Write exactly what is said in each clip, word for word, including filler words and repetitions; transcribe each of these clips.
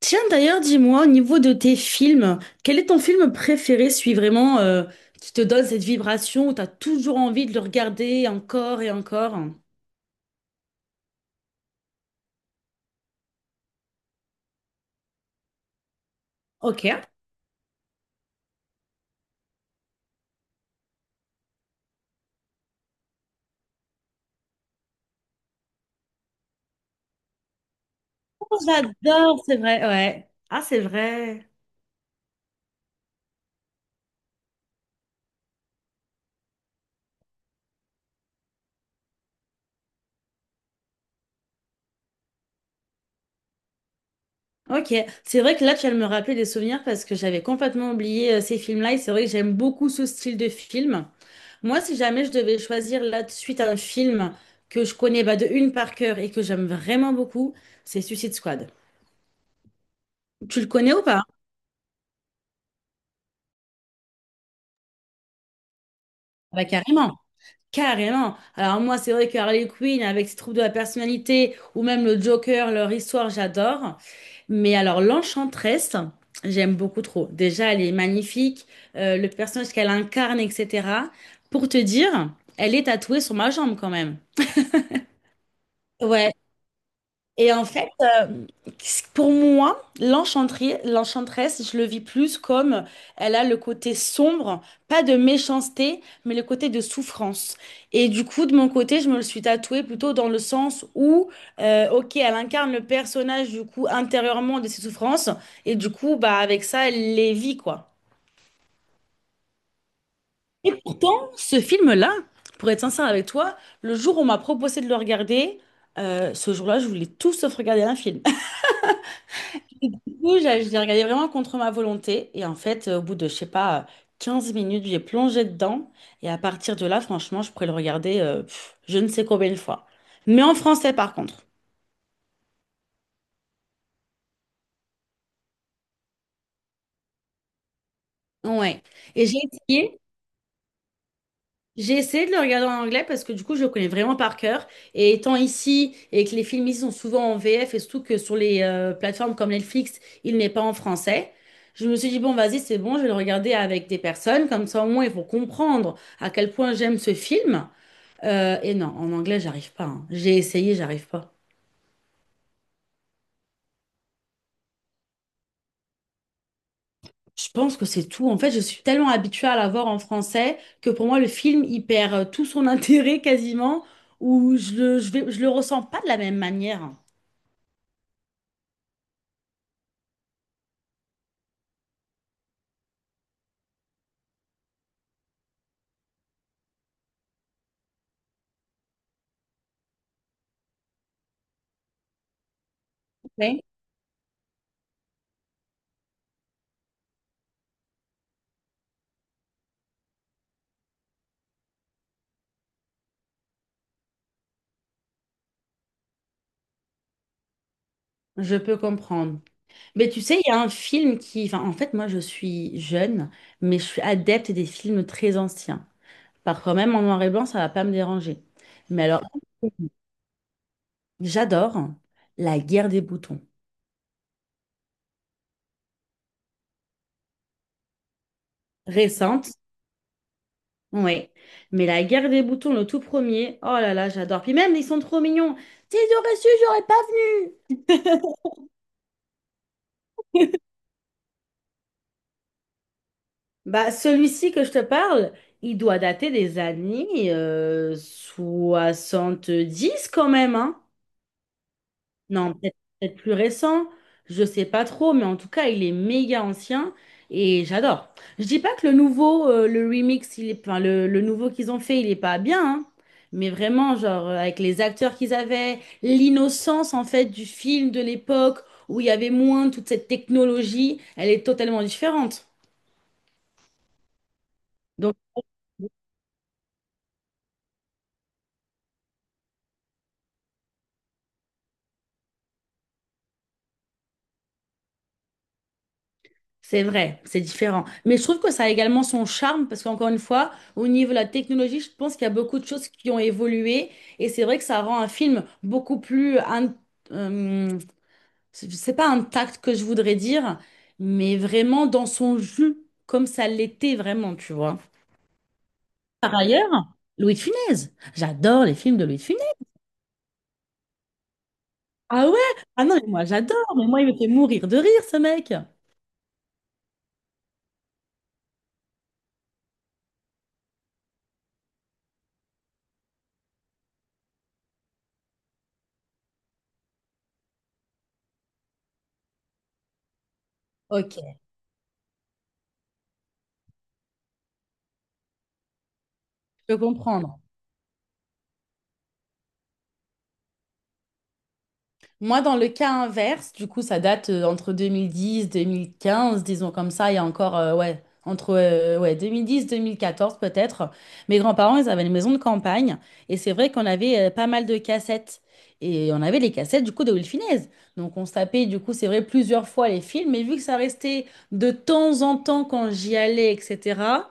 Tiens, d'ailleurs, dis-moi, au niveau de tes films, quel est ton film préféré, celui vraiment euh, qui te donne cette vibration où tu as toujours envie de le regarder encore et encore? Ok. Oh, j'adore, c'est vrai, ouais. Ah, c'est vrai. Ok, c'est vrai que là, tu vas me rappeler des souvenirs parce que j'avais complètement oublié euh, ces films-là, et c'est vrai que j'aime beaucoup ce style de film. Moi, si jamais je devais choisir là de suite un film que je connais bah, de une par cœur et que j'aime vraiment beaucoup, c'est Suicide Squad. Tu le connais ou pas? Bah, carrément. Carrément. Alors moi, c'est vrai que Harley Quinn, avec ses troubles de la personnalité, ou même le Joker, leur histoire, j'adore. Mais alors l'Enchantresse, j'aime beaucoup trop. Déjà, elle est magnifique, euh, le personnage qu'elle incarne, et cetera. Pour te dire, elle est tatouée sur ma jambe quand même. Ouais, et en fait, euh, pour moi, l'enchanterie- l'enchanteresse, je le vis plus comme elle a le côté sombre, pas de méchanceté, mais le côté de souffrance. Et du coup, de mon côté, je me le suis tatouée plutôt dans le sens où euh, ok, elle incarne le personnage du coup intérieurement de ses souffrances, et du coup, bah avec ça, elle les vit quoi. Et pourtant, ce film-là, pour être sincère avec toi, le jour où on m'a proposé de le regarder, euh, ce jour-là, je voulais tout sauf regarder un film. Coup, j'ai j'ai regardé vraiment contre ma volonté. Et en fait, euh, au bout de, je sais pas, euh, 15 minutes, j'ai plongé dedans. Et à partir de là, franchement, je pourrais le regarder euh, pff, je ne sais combien de fois. Mais en français, par contre. Ouais. Et j'ai essayé. J'ai essayé de le regarder en anglais parce que du coup, je le connais vraiment par cœur. Et étant ici et que les films ici sont souvent en V F, et surtout que sur les euh, plateformes comme Netflix, il n'est pas en français. Je me suis dit, bon, vas-y, c'est bon, je vais le regarder avec des personnes. Comme ça, au moins, ils vont comprendre à quel point j'aime ce film. Euh, et non, en anglais, j'arrive pas, hein. J'ai essayé, j'arrive pas. Je pense que c'est tout. En fait, je suis tellement habituée à la voir en français que pour moi, le film, il perd euh, tout son intérêt quasiment, ou je le, je vais- je le ressens pas de la même manière. Ouais. Je peux comprendre. Mais tu sais, il y a un film qui... Enfin, en fait, moi, je suis jeune, mais je suis adepte des films très anciens. Parfois même en noir et blanc, ça va pas me déranger. Mais alors, j'adore La guerre des boutons. Récente. Oui, mais la guerre des boutons, le tout premier, oh là là, j'adore. Puis même, ils sont trop mignons. Si j'aurais su, j'aurais pas venu. Bah, celui-ci que je te parle, il doit dater des années euh, dix quand même, hein. Non, peut-être peut-être plus récent, je sais pas trop, mais en tout cas, il est méga ancien et j'adore. Je dis pas que le nouveau, euh, le remix, il est, enfin, le, le nouveau qu'ils ont fait, il est pas bien, hein, mais vraiment, genre, euh, avec les acteurs qu'ils avaient, l'innocence, en fait, du film de l'époque où il y avait moins toute cette technologie, elle est totalement différente. C'est vrai, c'est différent. Mais je trouve que ça a également son charme parce qu'encore une fois, au niveau de la technologie, je pense qu'il y a beaucoup de choses qui ont évolué, et c'est vrai que ça rend un film beaucoup plus, in- euh, c'est pas intact que je voudrais dire, mais vraiment dans son jus, comme ça l'était vraiment, tu vois. Par ailleurs, Louis de Funès. J'adore les films de Louis de Funès. Ah ouais? Ah non, mais moi j'adore, mais moi il me fait mourir de rire ce mec. Ok, je peux comprendre. Moi, dans le cas inverse, du coup, ça date euh, entre deux mille dix, deux mille quinze, disons comme ça, il y a encore, euh, ouais, entre euh, ouais, deux mille dix, deux mille quatorze peut-être. Mes grands-parents, ils avaient une maison de campagne et c'est vrai qu'on avait euh, pas mal de cassettes. Et on avait les cassettes du coup de Will Finesse. Donc on se tapait du coup, c'est vrai, plusieurs fois les films, mais vu que ça restait de temps en temps quand j'y allais, et cetera,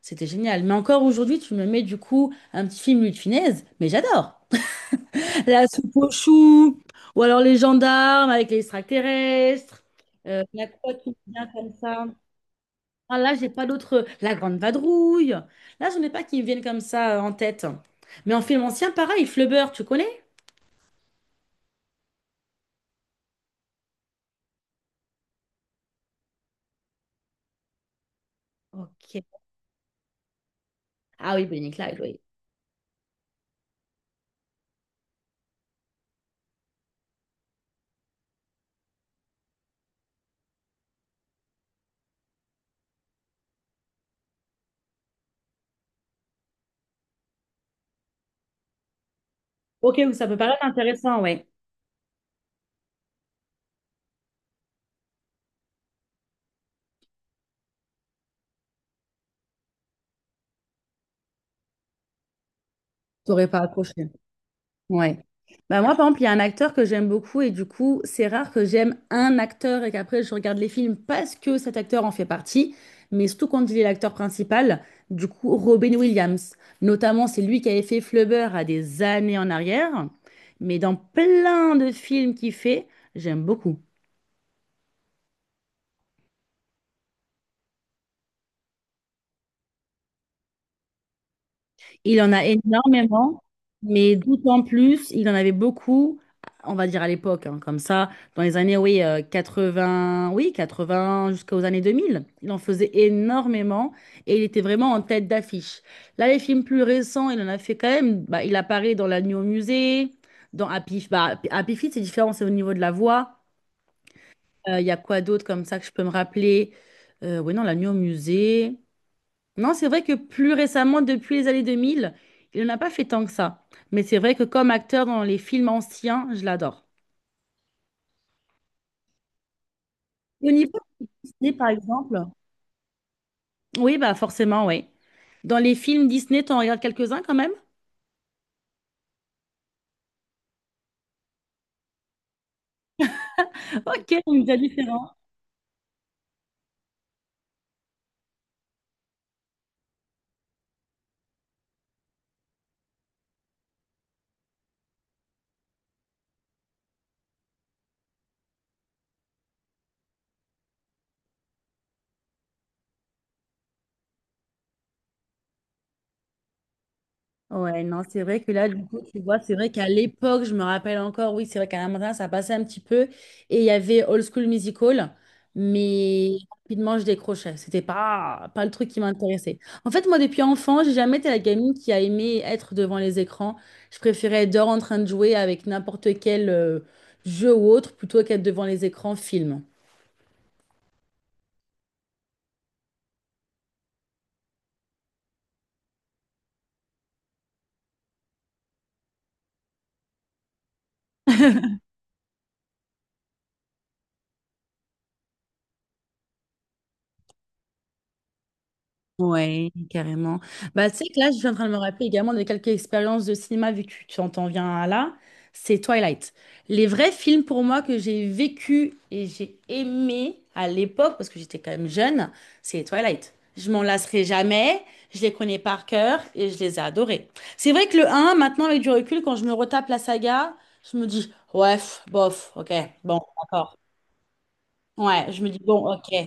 c'était génial. Mais encore aujourd'hui, tu me mets du coup un petit film Will Finesse, mais j'adore. La soupe aux choux, ou alors les gendarmes avec les extraterrestres. Euh, il y a quoi qui vient comme ça? Ah, là, j'ai pas d'autres. La Grande Vadrouille. Là, j'en ai pas qui me viennent comme ça euh, en tête. Mais en film ancien, pareil, Flubber, tu connais? Ok. Ah oui, Bonnie et Clyde, oui. Ok, ça peut paraître intéressant, ouais. T'aurais pas accroché. Ouais. Bah moi, par exemple, il y a un acteur que j'aime beaucoup, et du coup, c'est rare que j'aime un acteur et qu'après je regarde les films parce que cet acteur en fait partie, mais surtout quand il est l'acteur principal, du coup, Robin Williams. Notamment, c'est lui qui avait fait Flubber à des années en arrière, mais dans plein de films qu'il fait, j'aime beaucoup. Il en a énormément, mais d'autant plus, il en avait beaucoup, on va dire à l'époque, hein, comme ça, dans les années, oui, euh, quatre-vingt, oui, quatre-vingt jusqu'aux années deux mille, il en faisait énormément et il était vraiment en tête d'affiche. Là, les films plus récents, il en a fait quand même, bah, il apparaît dans La Nuit au musée, dans Happy, bah, Happy Feet, c'est différent, c'est au niveau de la voix. Euh, Il y a quoi d'autre comme ça que je peux me rappeler? Euh, oui, non, La Nuit au musée. Non, c'est vrai que plus récemment, depuis les années deux mille, il n'en a pas fait tant que ça. Mais c'est vrai que comme acteur dans les films anciens, je l'adore. Au niveau Disney, par exemple, oui, bah forcément, oui. Dans les films Disney, t'en regardes quelques-uns quand même? Ok, on me dit la. Ouais, non, c'est vrai que là, du coup, tu vois, c'est vrai qu'à l'époque, je me rappelle encore, oui, c'est vrai qu'à la matin, ça passait un petit peu, et il y avait Old School Musical, mais rapidement, je décrochais. C'était pas, pas le truc qui m'intéressait. En fait, moi, depuis enfant, j'ai jamais été la gamine qui a aimé être devant les écrans. Je préférais être dehors en train de jouer avec n'importe quel euh, jeu ou autre, plutôt qu'être devant les écrans film. Ouais, carrément. Bah, tu sais que là, je suis en train de me rappeler également de quelques expériences de cinéma vécues. Tu en t'en viens à là, c'est Twilight. Les vrais films pour moi que j'ai vécu et j'ai aimé à l'époque, parce que j'étais quand même jeune, c'est Twilight. Je m'en lasserai jamais, je les connais par cœur et je les ai adorés. C'est vrai que le un, maintenant avec du recul, quand je me retape la saga, je me dis, ouais, pff, bof, ok, bon, d'accord. Ouais, je me dis, bon, ok.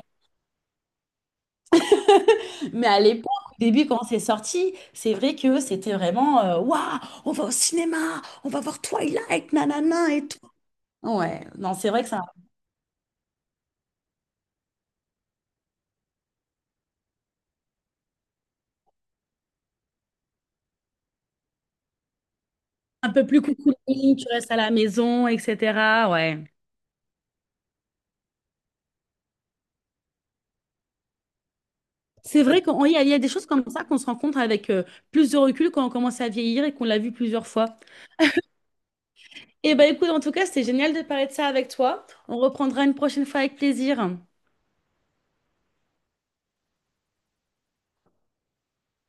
Mais à l'époque, au début, quand c'est sorti, c'est vrai que c'était vraiment euh, Waouh, on va au cinéma, on va voir Twilight, nanana et tout. Ouais, non, c'est vrai que c'est un un peu plus cocooning, tu restes à la maison, et cetera. Ouais. C'est vrai qu'il y a, il y a des choses comme ça qu'on se rend compte avec euh, plus de recul quand on commence à vieillir et qu'on l'a vu plusieurs fois. Eh ben écoute, en tout cas, c'était génial de parler de ça avec toi. On reprendra une prochaine fois avec plaisir.